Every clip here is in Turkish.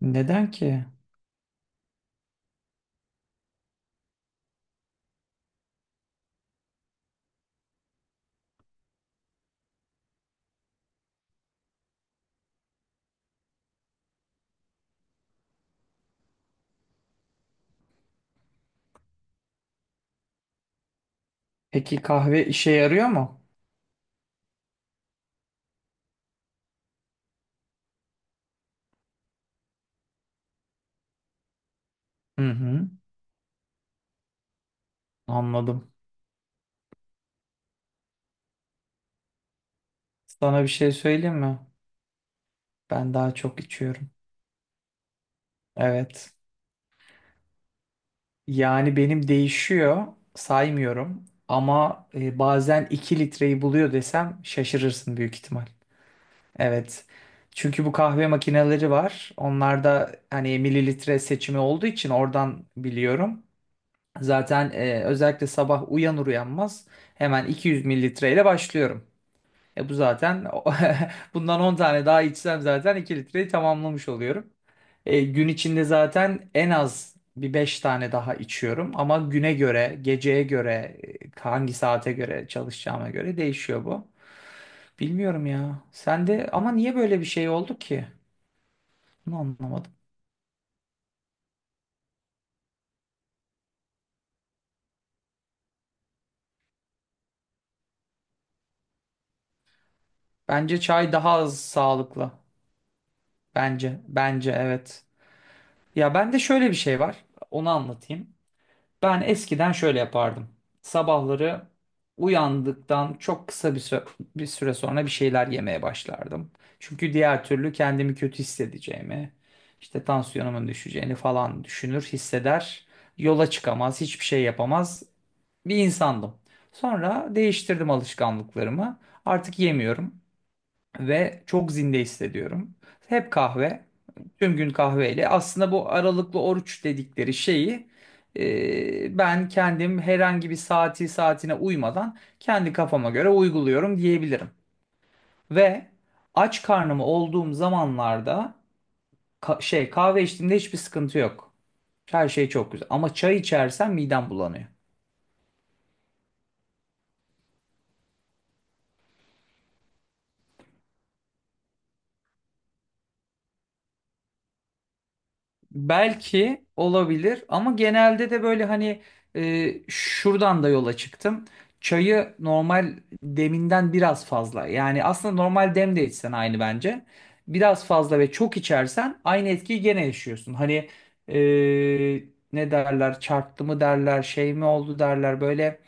Neden ki? Peki kahve işe yarıyor mu? Hı hı, anladım. Sana bir şey söyleyeyim mi? Ben daha çok içiyorum. Evet. Yani benim değişiyor, saymıyorum. Ama bazen 2 litreyi buluyor desem şaşırırsın büyük ihtimal. Evet. Çünkü bu kahve makineleri var. Onlarda hani mililitre seçimi olduğu için oradan biliyorum. Zaten özellikle sabah uyanır uyanmaz hemen 200 mililitreyle başlıyorum. E bu zaten bundan 10 tane daha içsem zaten 2 litreyi tamamlamış oluyorum. E, gün içinde zaten en az bir 5 tane daha içiyorum ama güne göre, geceye göre, hangi saate göre çalışacağıma göre değişiyor bu. Bilmiyorum ya. Sen de ama niye böyle bir şey oldu ki? Bunu anlamadım. Bence çay daha az sağlıklı. Bence, bence evet. Ya bende şöyle bir şey var. Onu anlatayım. Ben eskiden şöyle yapardım. Sabahları uyandıktan çok kısa bir süre, bir süre sonra bir şeyler yemeye başlardım. Çünkü diğer türlü kendimi kötü hissedeceğimi, işte tansiyonumun düşeceğini falan düşünür, hisseder. Yola çıkamaz, hiçbir şey yapamaz bir insandım. Sonra değiştirdim alışkanlıklarımı. Artık yemiyorum ve çok zinde hissediyorum. Hep kahve, tüm gün kahveyle. Aslında bu aralıklı oruç dedikleri şeyi ben kendim herhangi bir saati saatine uymadan kendi kafama göre uyguluyorum diyebilirim. Ve aç karnım olduğum zamanlarda şey kahve içtiğimde hiçbir sıkıntı yok. Her şey çok güzel. Ama çay içersem midem bulanıyor. Belki olabilir ama genelde de böyle hani şuradan da yola çıktım. Çayı normal deminden biraz fazla. Yani aslında normal dem de içsen aynı bence. Biraz fazla ve çok içersen aynı etkiyi gene yaşıyorsun. Hani e, ne derler çarptı mı derler şey mi oldu derler böyle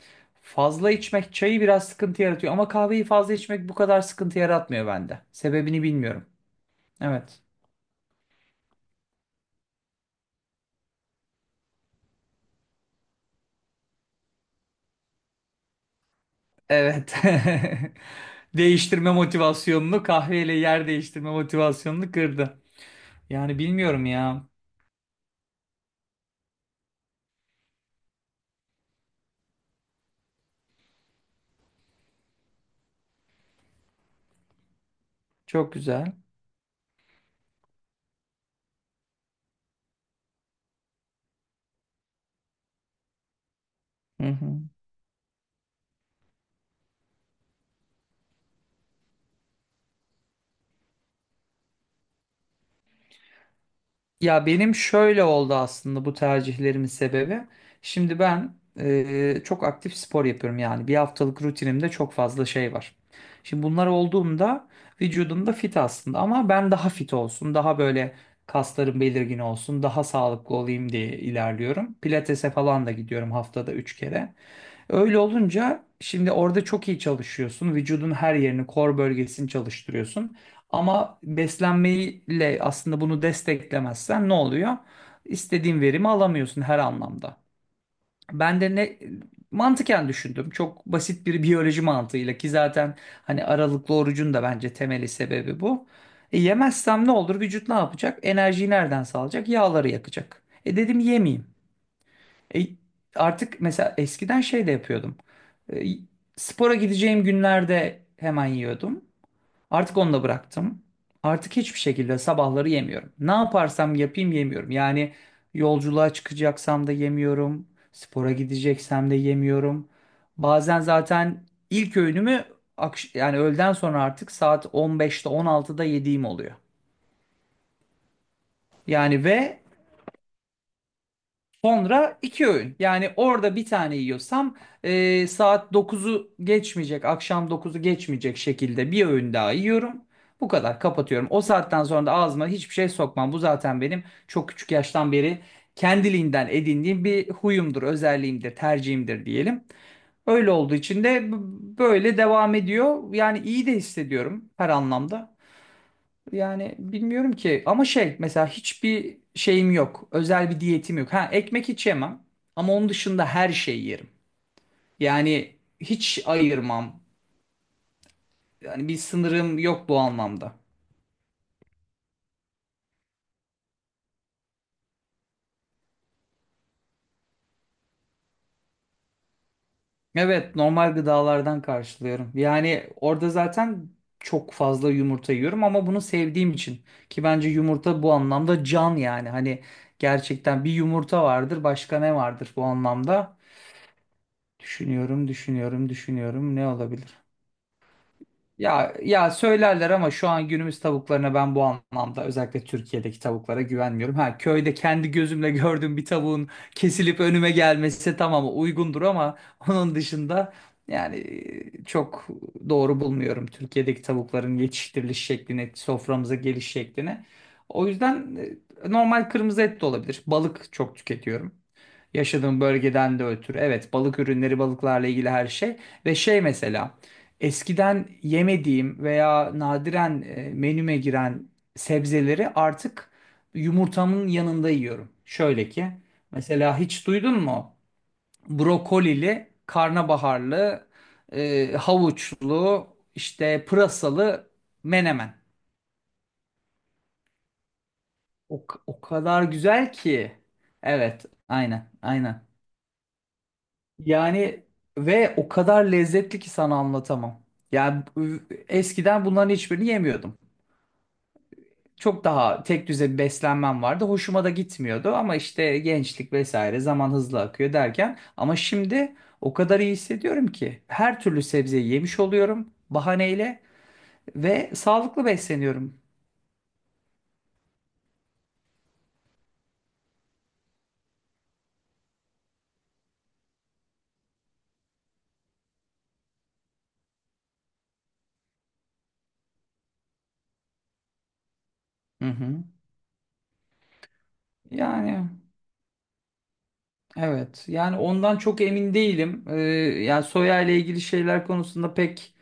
fazla içmek çayı biraz sıkıntı yaratıyor. Ama kahveyi fazla içmek bu kadar sıkıntı yaratmıyor bende. Sebebini bilmiyorum. Evet. Evet. Değiştirme motivasyonunu kahveyle yer değiştirme motivasyonunu kırdı. Yani bilmiyorum ya. Çok güzel. Hı hı. Ya benim şöyle oldu aslında bu tercihlerimin sebebi. Şimdi ben çok aktif spor yapıyorum yani bir haftalık rutinimde çok fazla şey var. Şimdi bunlar olduğumda vücudum da fit aslında ama ben daha fit olsun, daha böyle kaslarım belirgin olsun, daha sağlıklı olayım diye ilerliyorum. Pilatese falan da gidiyorum haftada 3 kere. Öyle olunca şimdi orada çok iyi çalışıyorsun. Vücudun her yerini, kor bölgesini çalıştırıyorsun. Ama beslenmeyle aslında bunu desteklemezsen ne oluyor? İstediğin verimi alamıyorsun her anlamda. Ben de ne mantıken düşündüm. Çok basit bir biyoloji mantığıyla ki zaten hani aralıklı orucun da bence temeli sebebi bu. E, yemezsem ne olur? Vücut ne yapacak? Enerjiyi nereden sağlayacak? Yağları yakacak. E dedim yemeyeyim. E, artık mesela eskiden şey de yapıyordum. E, spora gideceğim günlerde hemen yiyordum. Artık onu da bıraktım. Artık hiçbir şekilde sabahları yemiyorum. Ne yaparsam yapayım yemiyorum. Yani yolculuğa çıkacaksam da yemiyorum. Spora gideceksem de yemiyorum. Bazen zaten ilk öğünümü yani öğleden sonra artık saat 15'te 16'da yediğim oluyor. Yani sonra iki öğün. Yani orada bir tane yiyorsam saat dokuzu geçmeyecek, akşam dokuzu geçmeyecek şekilde bir öğün daha yiyorum. Bu kadar kapatıyorum. O saatten sonra da ağzıma hiçbir şey sokmam. Bu zaten benim çok küçük yaştan beri kendiliğinden edindiğim bir huyumdur, özelliğimdir, tercihimdir diyelim. Öyle olduğu için de böyle devam ediyor. Yani iyi de hissediyorum her anlamda. Yani bilmiyorum ki ama şey mesela hiçbir şeyim yok. Özel bir diyetim yok. Ha ekmek hiç yemem ama onun dışında her şeyi yerim. Yani hiç ayırmam. Yani bir sınırım yok bu anlamda. Evet normal gıdalardan karşılıyorum. Yani orada zaten çok fazla yumurta yiyorum ama bunu sevdiğim için. Ki bence yumurta bu anlamda can yani. Hani gerçekten bir yumurta vardır başka ne vardır bu anlamda. Düşünüyorum, düşünüyorum, düşünüyorum ne olabilir? Ya ya söylerler ama şu an günümüz tavuklarına ben bu anlamda özellikle Türkiye'deki tavuklara güvenmiyorum. Ha köyde kendi gözümle gördüğüm bir tavuğun kesilip önüme gelmesi tamam uygundur ama onun dışında yani çok doğru bulmuyorum Türkiye'deki tavukların yetiştiriliş şeklini, soframıza geliş şeklini. O yüzden normal kırmızı et de olabilir. Balık çok tüketiyorum. Yaşadığım bölgeden de ötürü. Evet, balık ürünleri, balıklarla ilgili her şey. Ve şey mesela, eskiden yemediğim veya nadiren menüme giren sebzeleri artık yumurtamın yanında yiyorum. Şöyle ki, mesela hiç duydun mu? Brokolili, karnabaharlı, havuçlu, işte pırasalı menemen. O, o kadar güzel ki. Evet, aynen, aynen. Yani ve o kadar lezzetli ki sana anlatamam. Yani eskiden bunların hiçbirini yemiyordum. Çok daha tek düze bir beslenmem vardı. Hoşuma da gitmiyordu ama işte gençlik vesaire zaman hızlı akıyor derken ama şimdi o kadar iyi hissediyorum ki her türlü sebzeyi yemiş oluyorum bahaneyle ve sağlıklı besleniyorum. Hı hı. Yani evet yani ondan çok emin değilim. Yani soya ile ilgili şeyler konusunda pek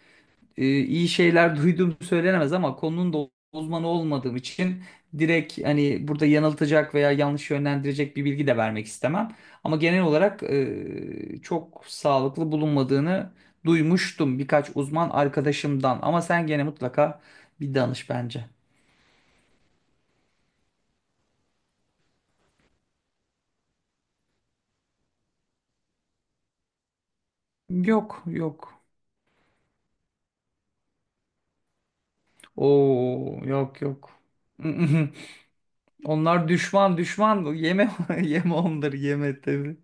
iyi şeyler duyduğum söylenemez ama konunun da uzmanı olmadığım için direkt hani burada yanıltacak veya yanlış yönlendirecek bir bilgi de vermek istemem. Ama genel olarak çok sağlıklı bulunmadığını duymuştum birkaç uzman arkadaşımdan. Ama sen gene mutlaka bir danış bence. Yok yok. Oo yok yok. Onlar düşman düşman yeme yeme onları yeme tabii.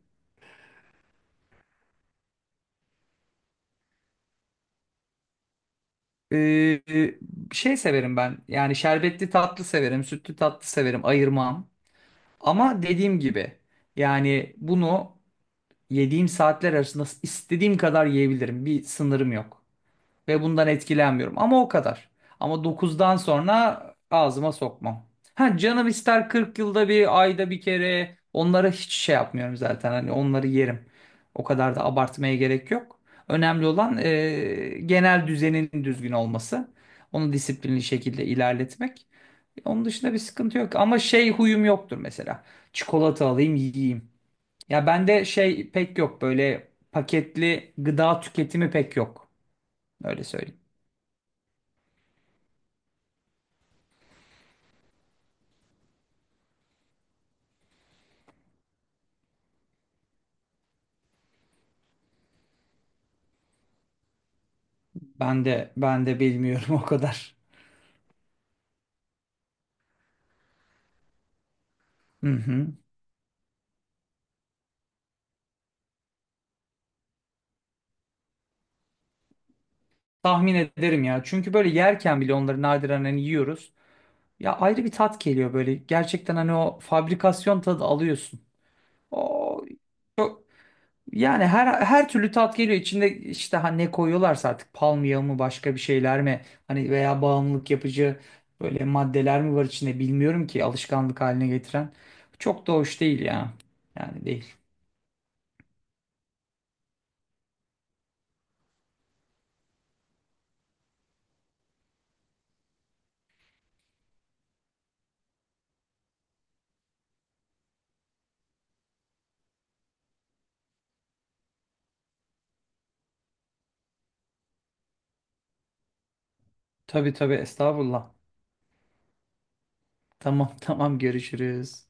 Ee, şey severim ben. Yani şerbetli tatlı severim, sütlü tatlı severim, ayırmam. Ama dediğim gibi yani bunu yediğim saatler arasında istediğim kadar yiyebilirim. Bir sınırım yok. Ve bundan etkilenmiyorum. Ama o kadar. Ama dokuzdan sonra ağzıma sokmam. Ha canım ister 40 yılda bir, ayda bir kere. Onlara hiç şey yapmıyorum zaten. Hani onları yerim. O kadar da abartmaya gerek yok. Önemli olan genel düzenin düzgün olması. Onu disiplinli şekilde ilerletmek. Onun dışında bir sıkıntı yok. Ama şey huyum yoktur mesela. Çikolata alayım yiyeyim. Ya bende şey pek yok böyle paketli gıda tüketimi pek yok. Öyle söyleyeyim. Ben de ben de bilmiyorum o kadar. Hı hı. Tahmin ederim ya. Çünkü böyle yerken bile onları nadiren hani yiyoruz. Ya ayrı bir tat geliyor böyle. Gerçekten hani o fabrikasyon tadı alıyorsun. O çok- yani her her türlü tat geliyor. İçinde işte hani ne koyuyorlarsa artık palmiye mı başka bir şeyler mi hani veya bağımlılık yapıcı böyle maddeler mi var içinde bilmiyorum ki alışkanlık haline getiren. Çok da hoş değil ya. Yani değil. Tabii tabii estağfurullah. Tamam tamam görüşürüz.